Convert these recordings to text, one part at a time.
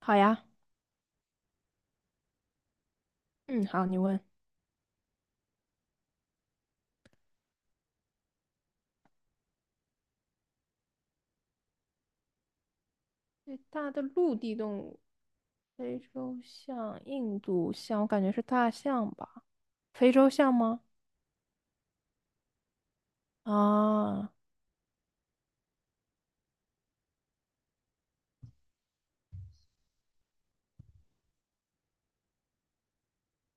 好呀，嗯，好，你问。最大的陆地动物，非洲象、印度象，我感觉是大象吧？非洲象吗？啊，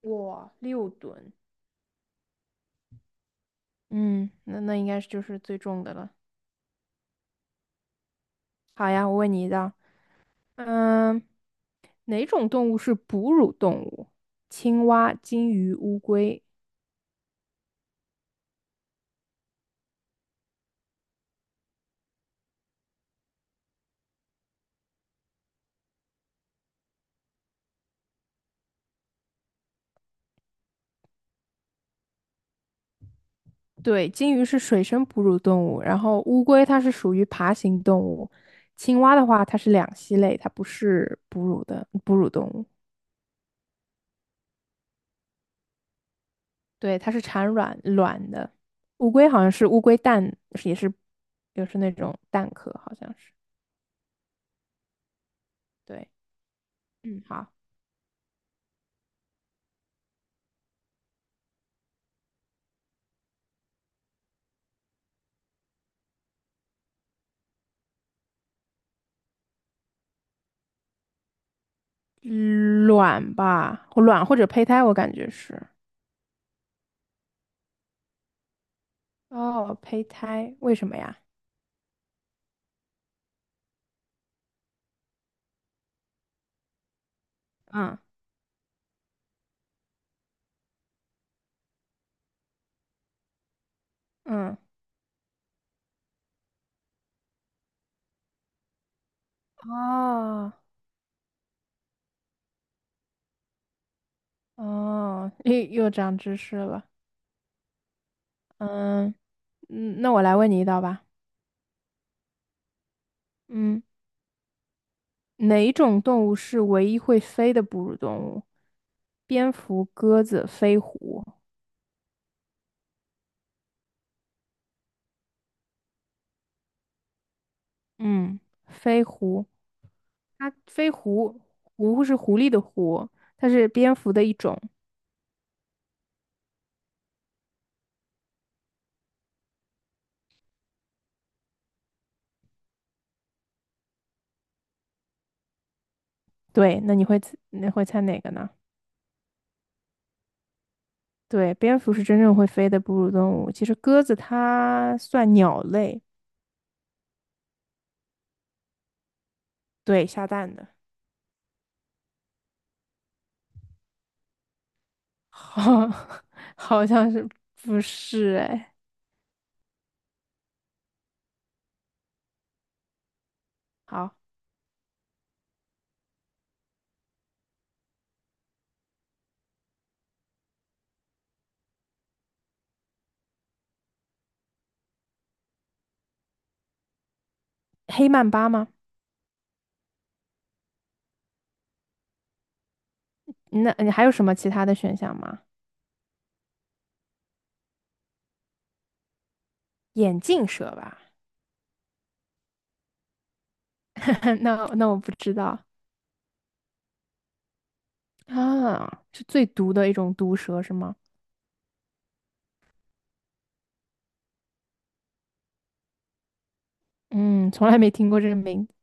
哇，6吨，嗯，那应该是就是最重的了。好呀，我问你一道，嗯，哪种动物是哺乳动物？青蛙、金鱼、乌龟。对，鲸鱼是水生哺乳动物，然后乌龟它是属于爬行动物，青蛙的话它是两栖类，它不是哺乳动物，对，它是产卵的。乌龟好像是乌龟蛋，也是也是那种蛋壳，好像是。对，嗯，好，卵吧，卵或者胚胎，我感觉是。哦，胚胎，为什么呀？嗯嗯，哦哦，又长知识了。嗯。嗯，那我来问你一道吧。嗯，哪种动物是唯一会飞的哺乳动物？蝙蝠、鸽子、飞狐。嗯，飞狐，它飞狐，狐是狐狸的狐，它是蝙蝠的一种。对，那你会猜哪个呢？对，蝙蝠是真正会飞的哺乳动物。其实鸽子它算鸟类，对，下蛋的，好，好像是不是？哎，好，黑曼巴吗？那你还有什么其他的选项吗？眼镜蛇吧？那我不知道啊，是最毒的一种毒蛇是吗？嗯，从来没听过这个名字。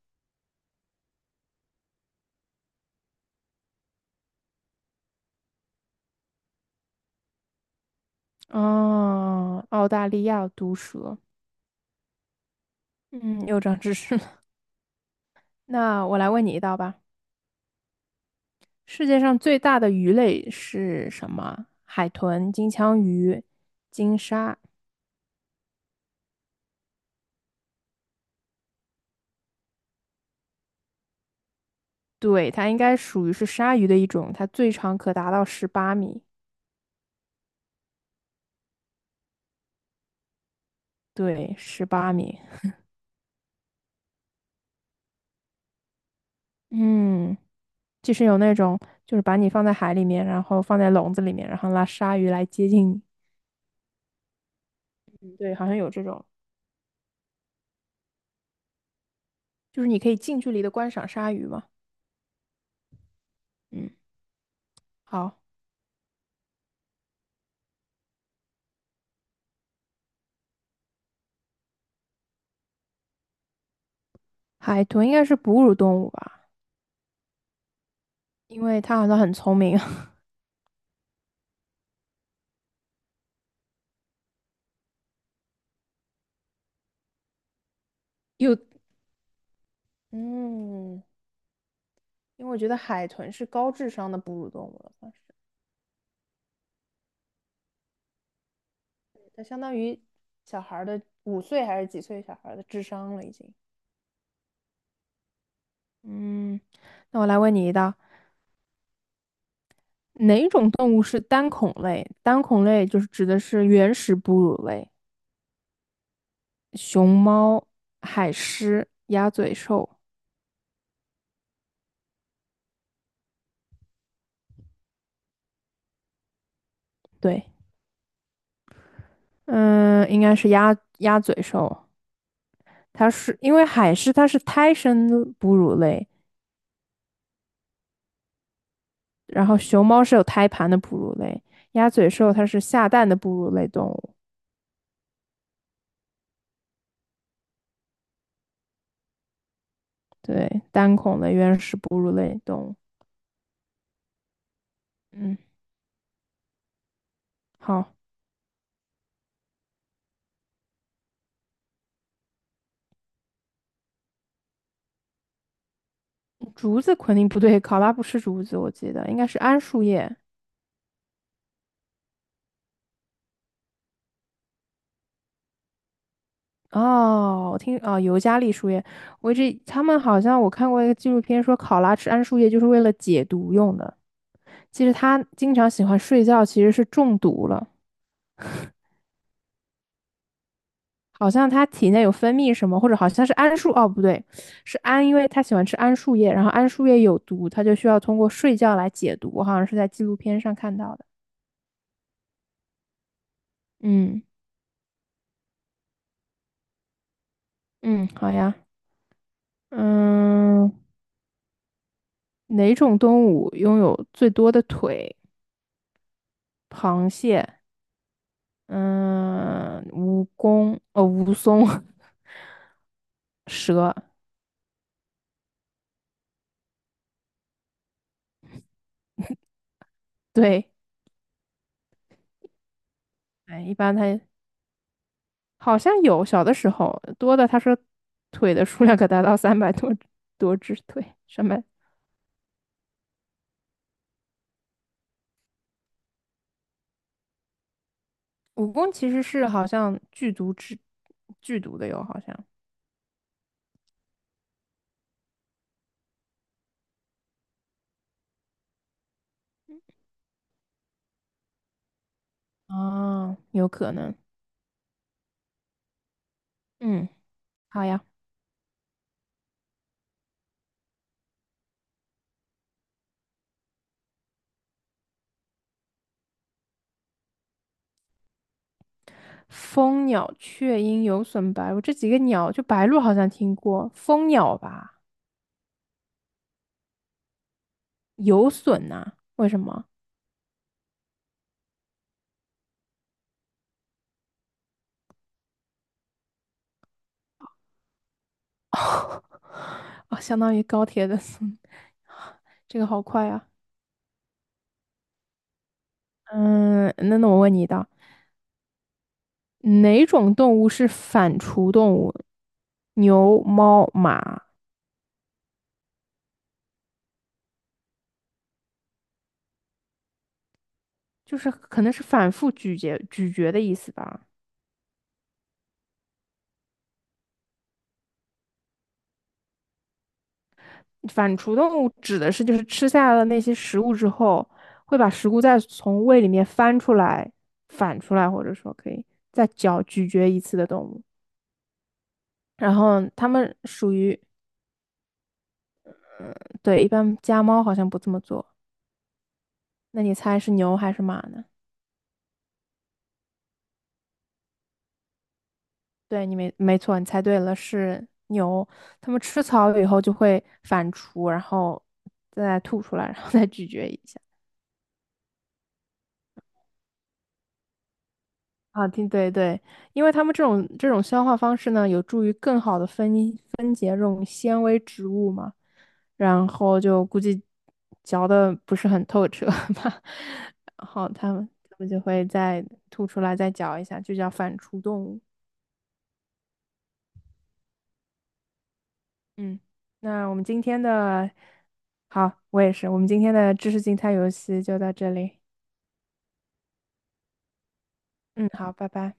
哦，澳大利亚毒蛇。嗯，又长知识了。那我来问你一道吧。世界上最大的鱼类是什么？海豚、金枪鱼、金鲨。对，它应该属于是鲨鱼的一种，它最长可达到十八米。对，十八米。嗯，就是有那种就是把你放在海里面，然后放在笼子里面，然后拉鲨鱼来接近你。对，好像有这种，就是你可以近距离的观赏鲨鱼嘛。嗯，好，海豚应该是哺乳动物吧，因为它好像很聪明，又嗯，因为我觉得海豚是高智商的哺乳动物了，算是它相当于小孩儿的5岁还是几岁小孩儿的智商了已经。嗯，那我来问你一道，哪种动物是单孔类？单孔类就是指的是原始哺乳类。熊猫、海狮、鸭嘴兽，对，嗯，应该是鸭嘴兽。它是因为海狮它是胎生的哺乳类，然后熊猫是有胎盘的哺乳类，鸭嘴兽它是下蛋的哺乳类动物，对，单孔的原始哺乳类动物。嗯，好，竹子肯定不对，考拉不吃竹子，我记得应该是桉树叶。哦，哦，尤加利树叶，我一直他们好像我看过一个纪录片说，考拉吃桉树叶就是为了解毒用的。其实它经常喜欢睡觉，其实是中毒了，好像它体内有分泌什么，或者好像是桉树，哦，不对，是桉，因为它喜欢吃桉树叶，然后桉树叶有毒，它就需要通过睡觉来解毒。我好像是在纪录片上看到的。嗯嗯，好呀，嗯，哪种动物拥有最多的腿？螃蟹。嗯，蜈蚣，蜈蚣，蛇，对，哎，一般它好像有，小的时候多的，它说腿的数量可达到三百多只腿，三百。蜈蚣其实是好像剧毒的哟，好像啊，有可能，嗯，好呀。蜂鸟、雀鹰、有隼、白鹭这几个鸟，就白鹭好像听过，蜂鸟吧？有隼呐、为什么？啊，相当于高铁的速度。 这个好快啊！嗯，那我问你一道，哪种动物是反刍动物？牛、猫、马，就是可能是反复咀嚼、咀嚼的意思吧。反刍动物指的是就是吃下了那些食物之后，会把食物再从胃里面翻出来、反出来，或者说可以咀嚼一次的动物。然后它们属于，对，一般家猫好像不这么做。那你猜是牛还是马呢？对，你没错，你猜对了，是牛。它们吃草以后就会反刍，然后再吐出来，然后再咀嚼一下。啊，对对对，因为它们这种消化方式呢，有助于更好的分解这种纤维植物嘛，然后就估计嚼的不是很透彻吧，然后它们就会再吐出来，再嚼一下，就叫反刍动物。嗯，那我们今天的。好，我也是。我们今天的知识竞猜游戏就到这里。嗯，好，拜拜。